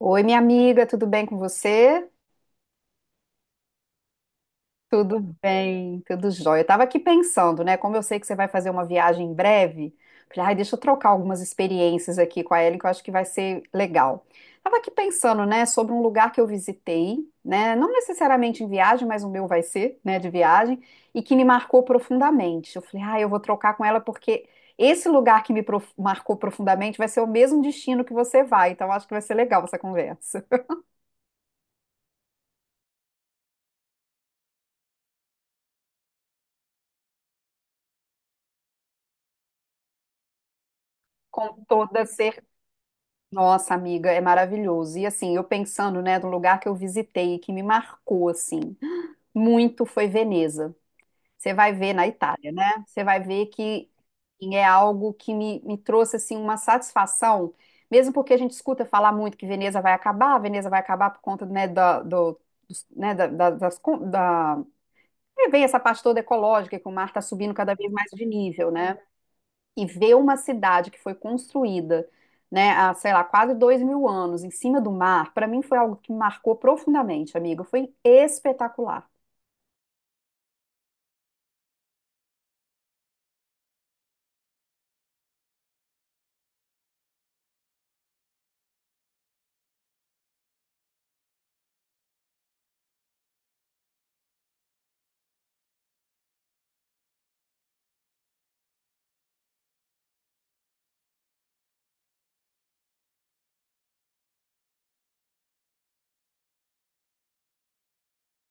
Oi, minha amiga, tudo bem com você? Tudo bem, tudo jóia. Eu tava aqui pensando, né? Como eu sei que você vai fazer uma viagem em breve, falei, ai, deixa eu trocar algumas experiências aqui com a Ellen, que eu acho que vai ser legal. Tava aqui pensando, né, sobre um lugar que eu visitei, né? Não necessariamente em viagem, mas o meu vai ser, né, de viagem, e que me marcou profundamente. Eu falei, ai, eu vou trocar com ela porque esse lugar que marcou profundamente vai ser o mesmo destino que você vai, então eu acho que vai ser legal essa conversa. Com toda certeza. Nossa, amiga, é maravilhoso. E assim, eu pensando, né, no lugar que eu visitei, que me marcou assim, muito foi Veneza. Você vai ver na Itália, né? Você vai ver que assim, é algo que me trouxe assim uma satisfação, mesmo porque a gente escuta falar muito que Veneza vai acabar por conta, né, da, do, dos- né, da, da- das, con- da... é, vem essa parte toda ecológica, que o mar está subindo cada vez mais de nível, né? E ver uma cidade que foi construída, né, há, sei lá, quase 2000 anos em cima do mar, para mim foi algo que me marcou profundamente, amiga. Foi espetacular.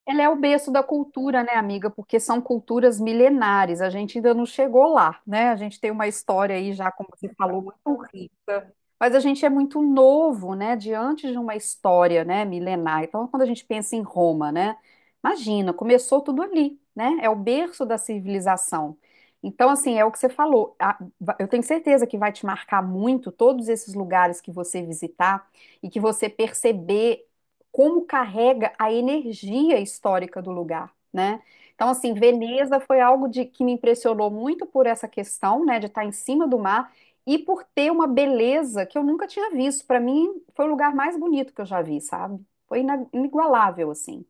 Ela é o berço da cultura, né, amiga? Porque são culturas milenares. A gente ainda não chegou lá, né? A gente tem uma história aí já, como você falou, muito rica. Mas a gente é muito novo, né, diante de uma história, né, milenar. Então, quando a gente pensa em Roma, né, imagina, começou tudo ali, né? É o berço da civilização. Então, assim, é o que você falou. Eu tenho certeza que vai te marcar muito todos esses lugares que você visitar e que você perceber como carrega a energia histórica do lugar, né? Então, assim, Veneza foi algo de, que me impressionou muito por essa questão, né, de estar em cima do mar e por ter uma beleza que eu nunca tinha visto. Para mim, foi o lugar mais bonito que eu já vi, sabe? Foi inigualável, assim.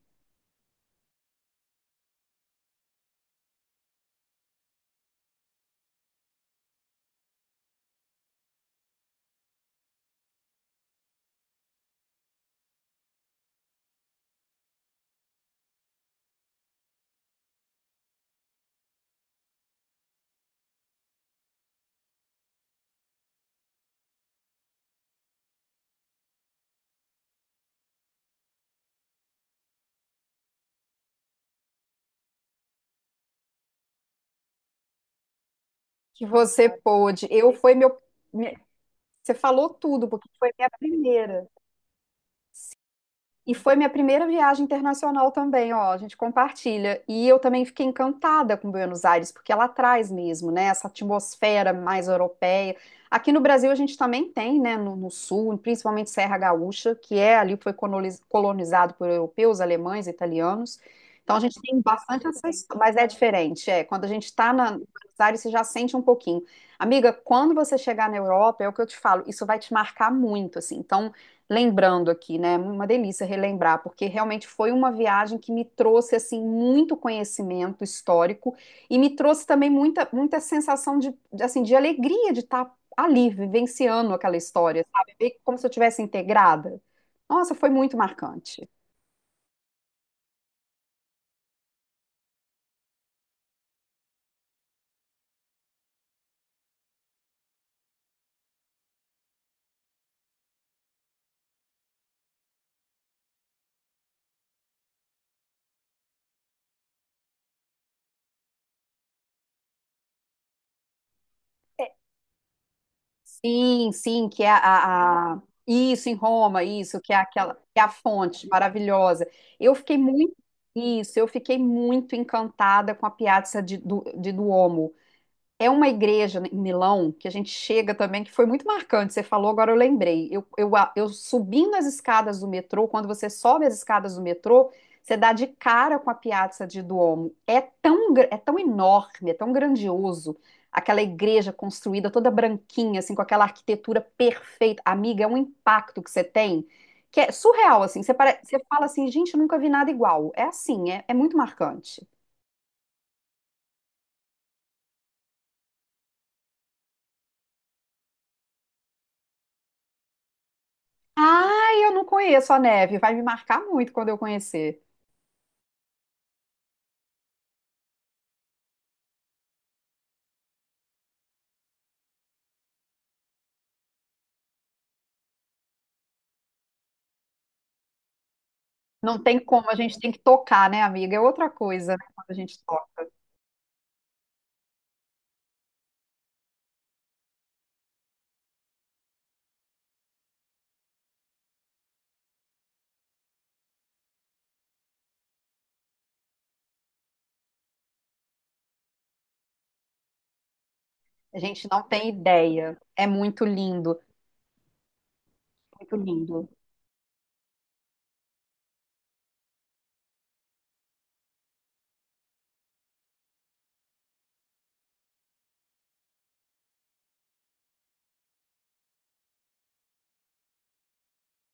Que você pôde. Eu foi meu. minha- Você falou tudo, porque foi minha primeira. E foi minha primeira viagem internacional também, ó, a gente compartilha. E eu também fiquei encantada com Buenos Aires, porque ela traz mesmo, né, essa atmosfera mais europeia. Aqui no Brasil a gente também tem, né, no sul, principalmente Serra Gaúcha, que é ali foi colonizado por europeus, alemães, italianos. Então a gente tem bastante essa história, mas é diferente, é. Quando a gente está na em Buenos Aires, você já sente um pouquinho. Amiga, quando você chegar na Europa, é o que eu te falo, isso vai te marcar muito, assim. Então lembrando aqui, né? É uma delícia relembrar, porque realmente foi uma viagem que me trouxe assim muito conhecimento histórico e me trouxe também muita sensação assim de alegria de estar ali vivenciando aquela história, sabe? Ver como se eu tivesse integrada. Nossa, foi muito marcante. Sim, sim, que é isso em Roma, isso que é aquela que é a fonte maravilhosa. Eu fiquei muito isso, eu fiquei muito encantada com a Piazza di Duomo. É uma igreja em Milão que a gente chega também, que foi muito marcante. Você falou, agora eu lembrei. Eu subindo as escadas do metrô, quando você sobe as escadas do metrô, você dá de cara com a Piazza di Duomo. É tão enorme, é tão grandioso. Aquela igreja construída toda branquinha, assim, com aquela arquitetura perfeita. Amiga, é um impacto que você tem que é surreal, assim. Você fala assim, gente, eu nunca vi nada igual. É assim, é, é muito marcante. Ai, eu não conheço a neve. Vai me marcar muito quando eu conhecer. Não tem como, a gente tem que tocar, né, amiga? É outra coisa, né, quando a gente toca. A gente não tem ideia. É muito lindo, muito lindo.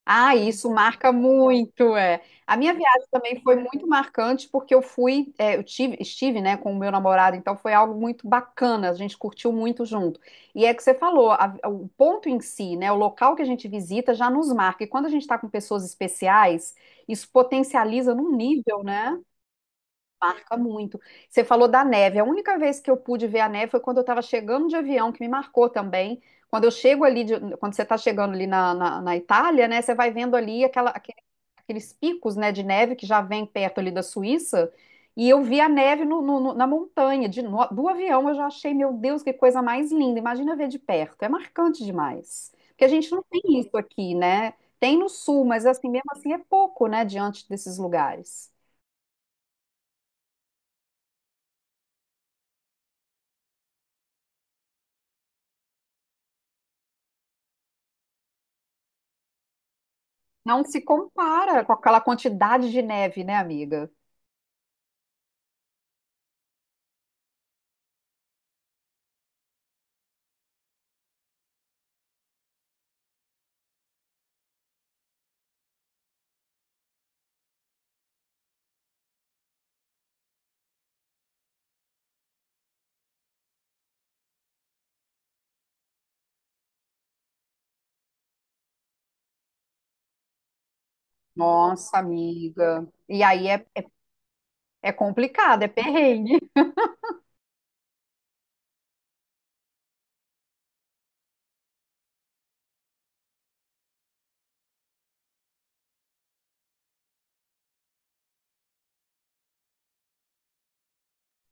Ah, isso marca muito, é. A minha viagem também foi muito marcante porque eu fui, é, estive, né, com o meu namorado, então foi algo muito bacana, a gente curtiu muito junto. E é que você falou, a- o ponto em si, né, o local que a gente visita já nos marca. E quando a gente está com pessoas especiais, isso potencializa num nível, né? Marca muito. Você falou da neve. A única vez que eu pude ver a neve foi quando eu estava chegando de avião, que me marcou também. Quando eu chego ali, de- Quando você está chegando ali na Itália, né? Você vai vendo ali aqueles picos, né, de neve que já vem perto ali da Suíça. E eu vi a neve na montanha, de, no- do avião. Eu já achei, meu Deus, que coisa mais linda. Imagina ver de perto. É marcante demais. Porque a gente não tem isso aqui, né? Tem no sul, mas assim, mesmo assim é pouco, né, diante desses lugares. Não se compara com aquela quantidade de neve, né, amiga? Nossa, amiga. E aí é, é complicado, é perrengue.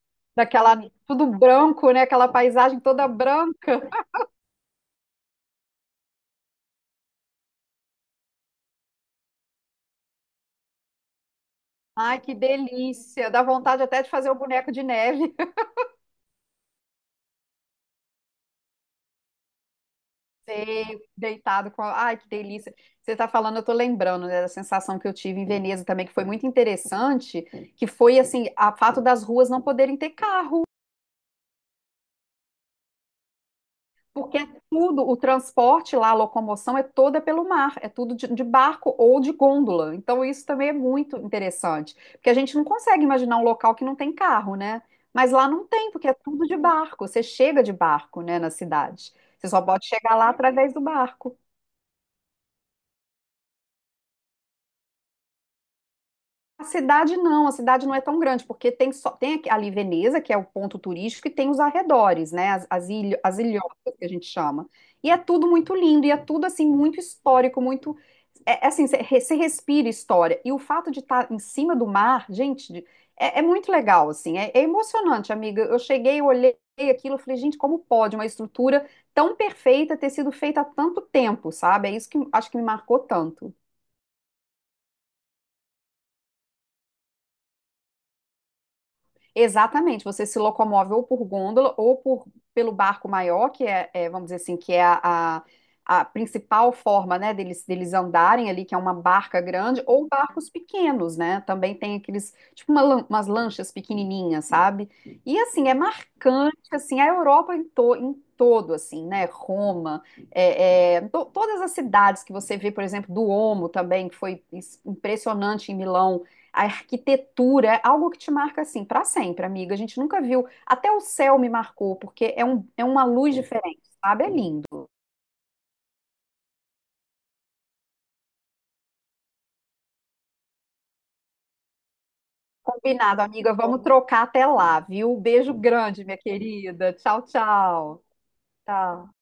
Daquela, tudo branco, né? Aquela paisagem toda branca. Ai, que delícia. Dá vontade até de fazer o boneco de neve. Sei, deitado com. Ai, que delícia. Você está falando, eu estou lembrando, né, da sensação que eu tive em Veneza também, que foi muito interessante, que foi assim, a fato das ruas não poderem ter carro. Porque é tudo, o transporte lá, a locomoção é toda pelo mar, é tudo de barco ou de gôndola. Então isso também é muito interessante, porque a gente não consegue imaginar um local que não tem carro, né? Mas lá não tem, porque é tudo de barco. Você chega de barco, né, na cidade. Você só pode chegar lá através do barco. A cidade não é tão grande, porque tem ali Veneza, que é o ponto turístico, e tem os arredores, né? As ilhotas que a gente chama. E é tudo muito lindo, e é tudo assim, muito histórico, muito. É, é assim, você respira história. E o fato de estar em cima do mar, gente, de- é, é muito legal, assim, é, é emocionante, amiga. Eu cheguei, eu olhei aquilo, eu falei, gente, como pode uma estrutura tão perfeita ter sido feita há tanto tempo, sabe? É isso que acho que me marcou tanto. Exatamente, você se locomove ou por gôndola ou por, pelo barco maior, que é, é, vamos dizer assim, que é a, a principal forma, né, deles andarem ali, que é uma barca grande, ou barcos pequenos, né? Também tem aqueles, tipo umas lanchas pequenininhas, sabe? E assim, é marcante, assim, a Europa em, em todo, assim, né? Roma, é, é, to- todas as cidades que você vê, por exemplo, Duomo também, que foi impressionante em Milão a arquitetura, é algo que te marca assim para sempre, amiga. A gente nunca viu. Até o céu me marcou, porque é, um, é uma luz diferente, sabe? É lindo. Combinado, amiga. Vamos trocar até lá, viu? Beijo grande, minha querida. Tchau, tchau. Tchau.